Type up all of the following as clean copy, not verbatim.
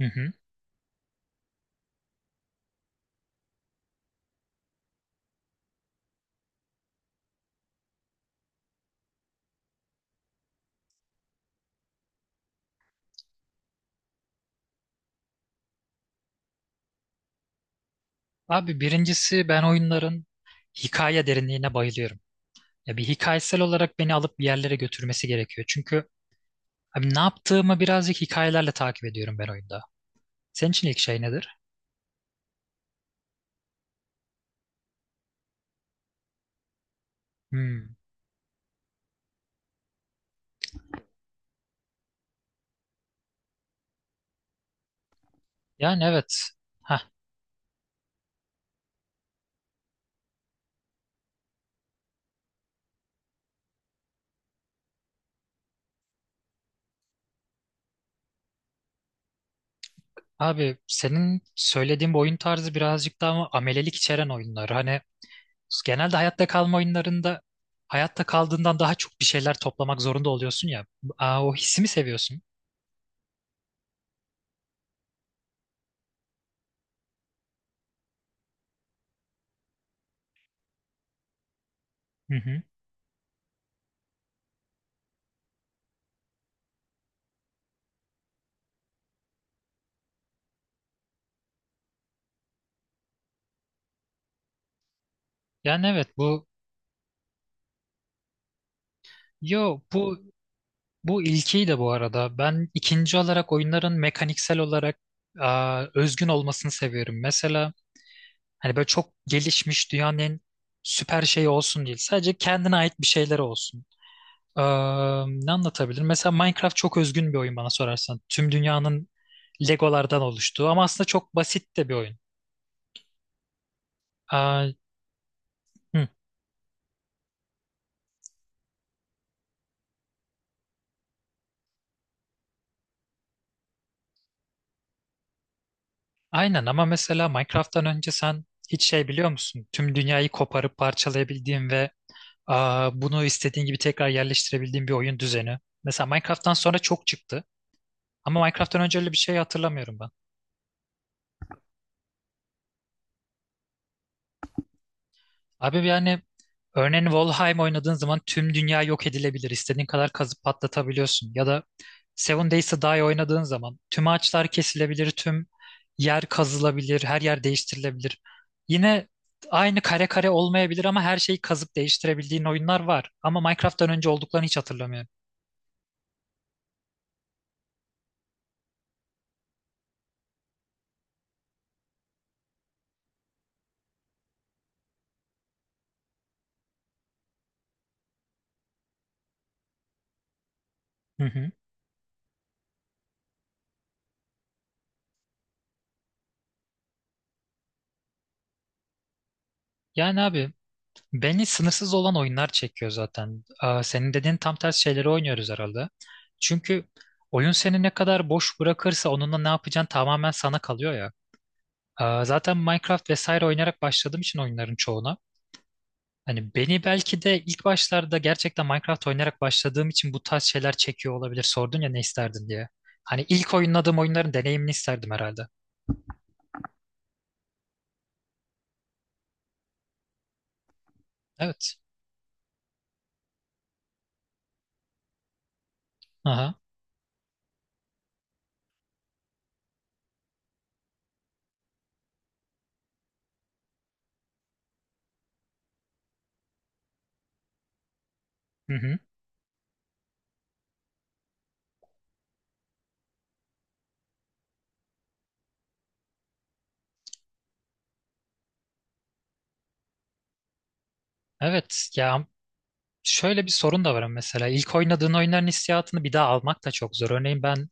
Hı hı. Abi, birincisi, ben oyunların hikaye derinliğine bayılıyorum. Ya bir hikayesel olarak beni alıp bir yerlere götürmesi gerekiyor. Çünkü abi, ne yaptığımı birazcık hikayelerle takip ediyorum ben oyunda. Senin için ilk şey nedir? Hmm. Yani evet. Hah. Abi, senin söylediğin bu oyun tarzı birazcık daha ama amelelik içeren oyunlar. Hani genelde hayatta kalma oyunlarında hayatta kaldığından daha çok bir şeyler toplamak zorunda oluyorsun ya. Aa, o hissimi seviyorsun. Hı hı. Yani evet. Yo. Bu ilkiydi bu arada. Ben ikinci olarak oyunların mekaniksel olarak, aa, özgün olmasını seviyorum. Mesela hani böyle çok gelişmiş dünyanın en süper şeyi olsun değil. Sadece kendine ait bir şeyler olsun. Aa, ne anlatabilirim? Mesela Minecraft çok özgün bir oyun bana sorarsan. Tüm dünyanın Legolardan oluştuğu ama aslında çok basit de bir oyun. Aa, hı, aynen, ama mesela Minecraft'tan önce sen hiç şey biliyor musun? Tüm dünyayı koparıp parçalayabildiğin ve, aa, bunu istediğin gibi tekrar yerleştirebildiğin bir oyun düzeni. Mesela Minecraft'tan sonra çok çıktı. Ama Minecraft'tan önce öyle bir şey hatırlamıyorum ben. Abi yani, örneğin Valheim oynadığın zaman tüm dünya yok edilebilir. İstediğin kadar kazıp patlatabiliyorsun. Ya da Seven Days to Die oynadığın zaman tüm ağaçlar kesilebilir, tüm yer kazılabilir, her yer değiştirilebilir. Yine aynı kare kare olmayabilir ama her şeyi kazıp değiştirebildiğin oyunlar var. Ama Minecraft'tan önce olduklarını hiç hatırlamıyorum. Hı hı. Yani abi, beni sınırsız olan oyunlar çekiyor zaten. Aa, senin dediğin tam tersi şeyleri oynuyoruz herhalde. Çünkü oyun seni ne kadar boş bırakırsa onunla ne yapacağın tamamen sana kalıyor ya. Aa, zaten Minecraft vesaire oynayarak başladığım için oyunların çoğuna. Hani beni belki de ilk başlarda gerçekten Minecraft oynayarak başladığım için bu tarz şeyler çekiyor olabilir. Sordun ya ne isterdin diye. Hani ilk oynadığım oyunların deneyimini isterdim herhalde. Evet. Aha. Hı hı. Evet. Ya, şöyle bir sorun da var ama mesela ilk oynadığın oyunların hissiyatını bir daha almak da çok zor. Örneğin ben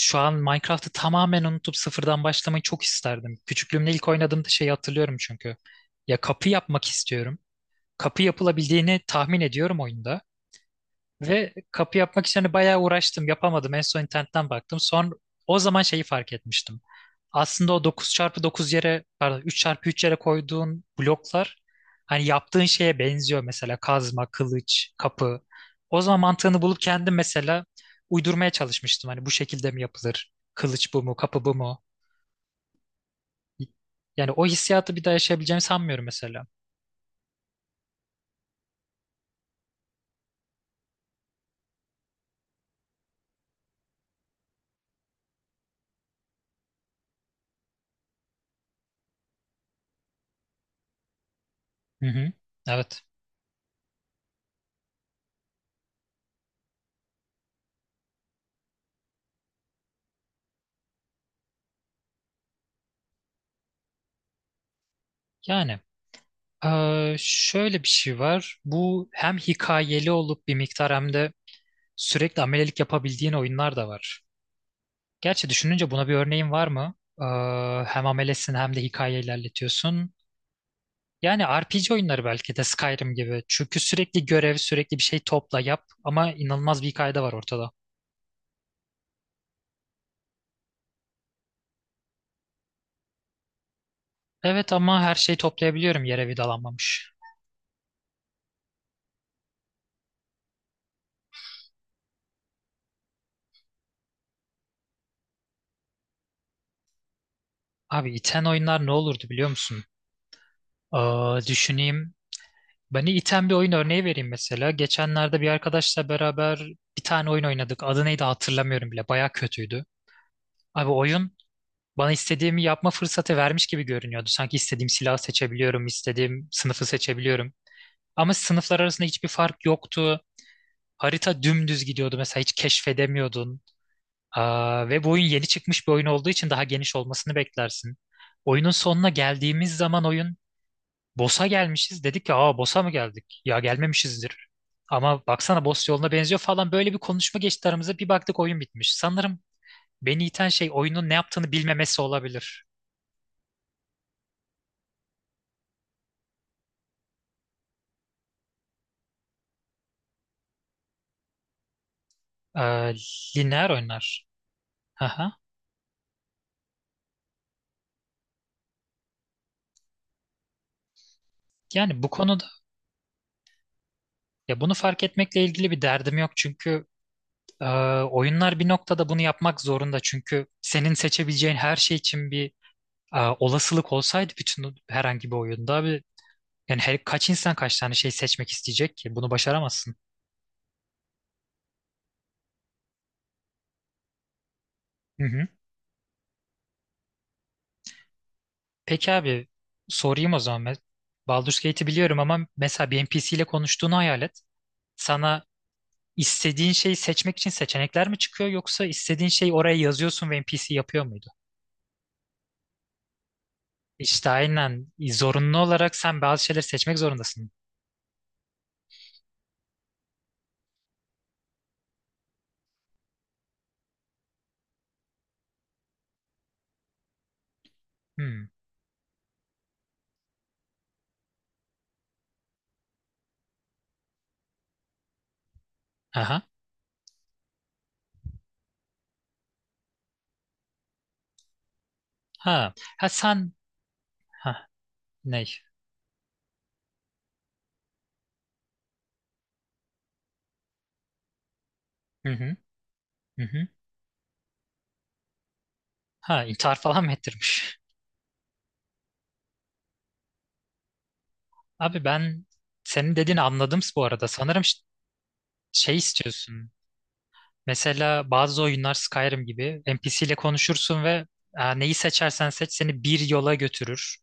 şu an Minecraft'ı tamamen unutup sıfırdan başlamayı çok isterdim. Küçüklüğümde ilk oynadığımda şeyi hatırlıyorum çünkü. Ya, kapı yapmak istiyorum. Kapı yapılabildiğini tahmin ediyorum oyunda. Ve kapı yapmak için hani bayağı uğraştım, yapamadım. En son internetten baktım. Son, o zaman şeyi fark etmiştim. Aslında o dokuz çarpı dokuz yere, pardon, üç çarpı üç yere koyduğun bloklar hani yaptığın şeye benziyor, mesela kazma, kılıç, kapı. O zaman mantığını bulup kendim mesela uydurmaya çalışmıştım. Hani bu şekilde mi yapılır? Kılıç bu mu, kapı bu mu? Yani o hissiyatı bir daha yaşayabileceğimi sanmıyorum mesela. Hı hı. Evet. Yani, şöyle bir şey var. Bu hem hikayeli olup bir miktar hem de sürekli amelelik yapabildiğin oyunlar da var. Gerçi düşününce buna bir örneğin var mı? Hem amelesin hem de hikaye ilerletiyorsun. Yani RPG oyunları belki de Skyrim gibi. Çünkü sürekli görev, sürekli bir şey topla yap, ama inanılmaz bir hikaye var ortada. Evet, ama her şeyi toplayabiliyorum yere vidalanmamış. Abi, iten oyunlar ne olurdu biliyor musun? Aa, düşüneyim. Beni iten bir oyun örneği vereyim mesela. Geçenlerde bir arkadaşla beraber bir tane oyun oynadık. Adı neydi hatırlamıyorum bile. Baya kötüydü. Abi, oyun bana istediğimi yapma fırsatı vermiş gibi görünüyordu. Sanki istediğim silahı seçebiliyorum, istediğim sınıfı seçebiliyorum. Ama sınıflar arasında hiçbir fark yoktu. Harita dümdüz gidiyordu, mesela hiç keşfedemiyordun. Aa, ve bu oyun yeni çıkmış bir oyun olduğu için daha geniş olmasını beklersin. Oyunun sonuna geldiğimiz zaman oyun boss'a gelmişiz. Dedik ki, aa, boss'a mı geldik? Ya gelmemişizdir. Ama baksana, boss yoluna benziyor falan, böyle bir konuşma geçti aramıza. Bir baktık oyun bitmiş. Sanırım beni iten şey oyunun ne yaptığını bilmemesi olabilir. Ee, Lineer oyunlar. Aha. Yani bu konuda, ya bunu fark etmekle ilgili bir derdim yok, çünkü Ee, oyunlar bir noktada bunu yapmak zorunda, çünkü senin seçebileceğin her şey için bir, olasılık olsaydı bütün herhangi bir oyunda abi, yani her, kaç insan kaç tane şey seçmek isteyecek ki bunu başaramazsın. Hı hı. Peki abi, sorayım o zaman. Baldur's Gate'i biliyorum, ama mesela bir NPC ile konuştuğunu hayal et. Sana istediğin şeyi seçmek için seçenekler mi çıkıyor, yoksa istediğin şeyi oraya yazıyorsun ve NPC yapıyor muydu? İşte aynen, zorunlu olarak sen bazı şeyleri seçmek zorundasın. Hmm. Aha. Ha, ha sen, ha ne? Hı hı, hı hı. Ha, intihar falan mı ettirmiş? Abi, ben senin dediğini anladım bu arada. Sanırım şey istiyorsun. Mesela bazı oyunlar Skyrim gibi NPC ile konuşursun ve, neyi seçersen seç seni bir yola götürür.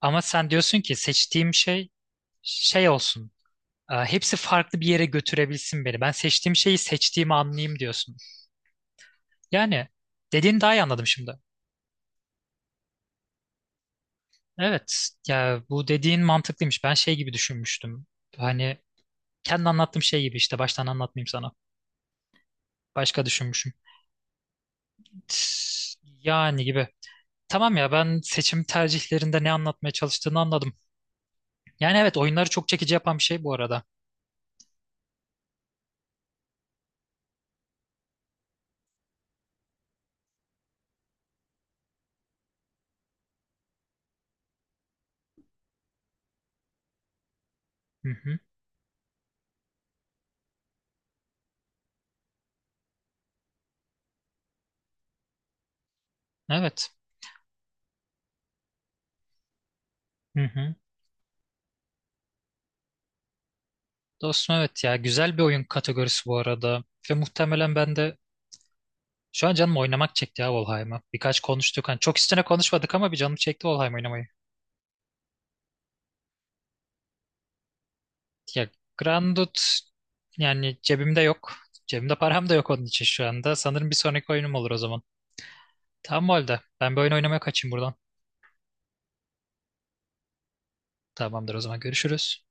Ama sen diyorsun ki seçtiğim şey şey olsun. Hepsi farklı bir yere götürebilsin beni. Ben seçtiğim şeyi seçtiğimi anlayayım diyorsun. Yani dediğini daha iyi anladım şimdi. Evet, ya bu dediğin mantıklıymış. Ben şey gibi düşünmüştüm. Hani kendi anlattığım şey gibi, işte baştan anlatmayayım sana. Başka düşünmüşüm. Tıs. Yani gibi. Tamam ya, ben seçim tercihlerinde ne anlatmaya çalıştığını anladım. Yani evet, oyunları çok çekici yapan bir şey bu arada. Hı hı. Evet. Hı hı. Dostum, evet ya, güzel bir oyun kategorisi bu arada. Ve muhtemelen ben de şu an canım oynamak çekti ya, Valheim'ı. Birkaç konuştuk. Hani çok üstüne konuşmadık ama bir canım çekti Valheim oynamayı. Ya, Grandut yani cebimde yok. Cebimde param da yok onun için şu anda. Sanırım bir sonraki oyunum olur o zaman. Tamam o halde. Ben bir oyun oynamaya kaçayım buradan. Tamamdır o zaman, görüşürüz.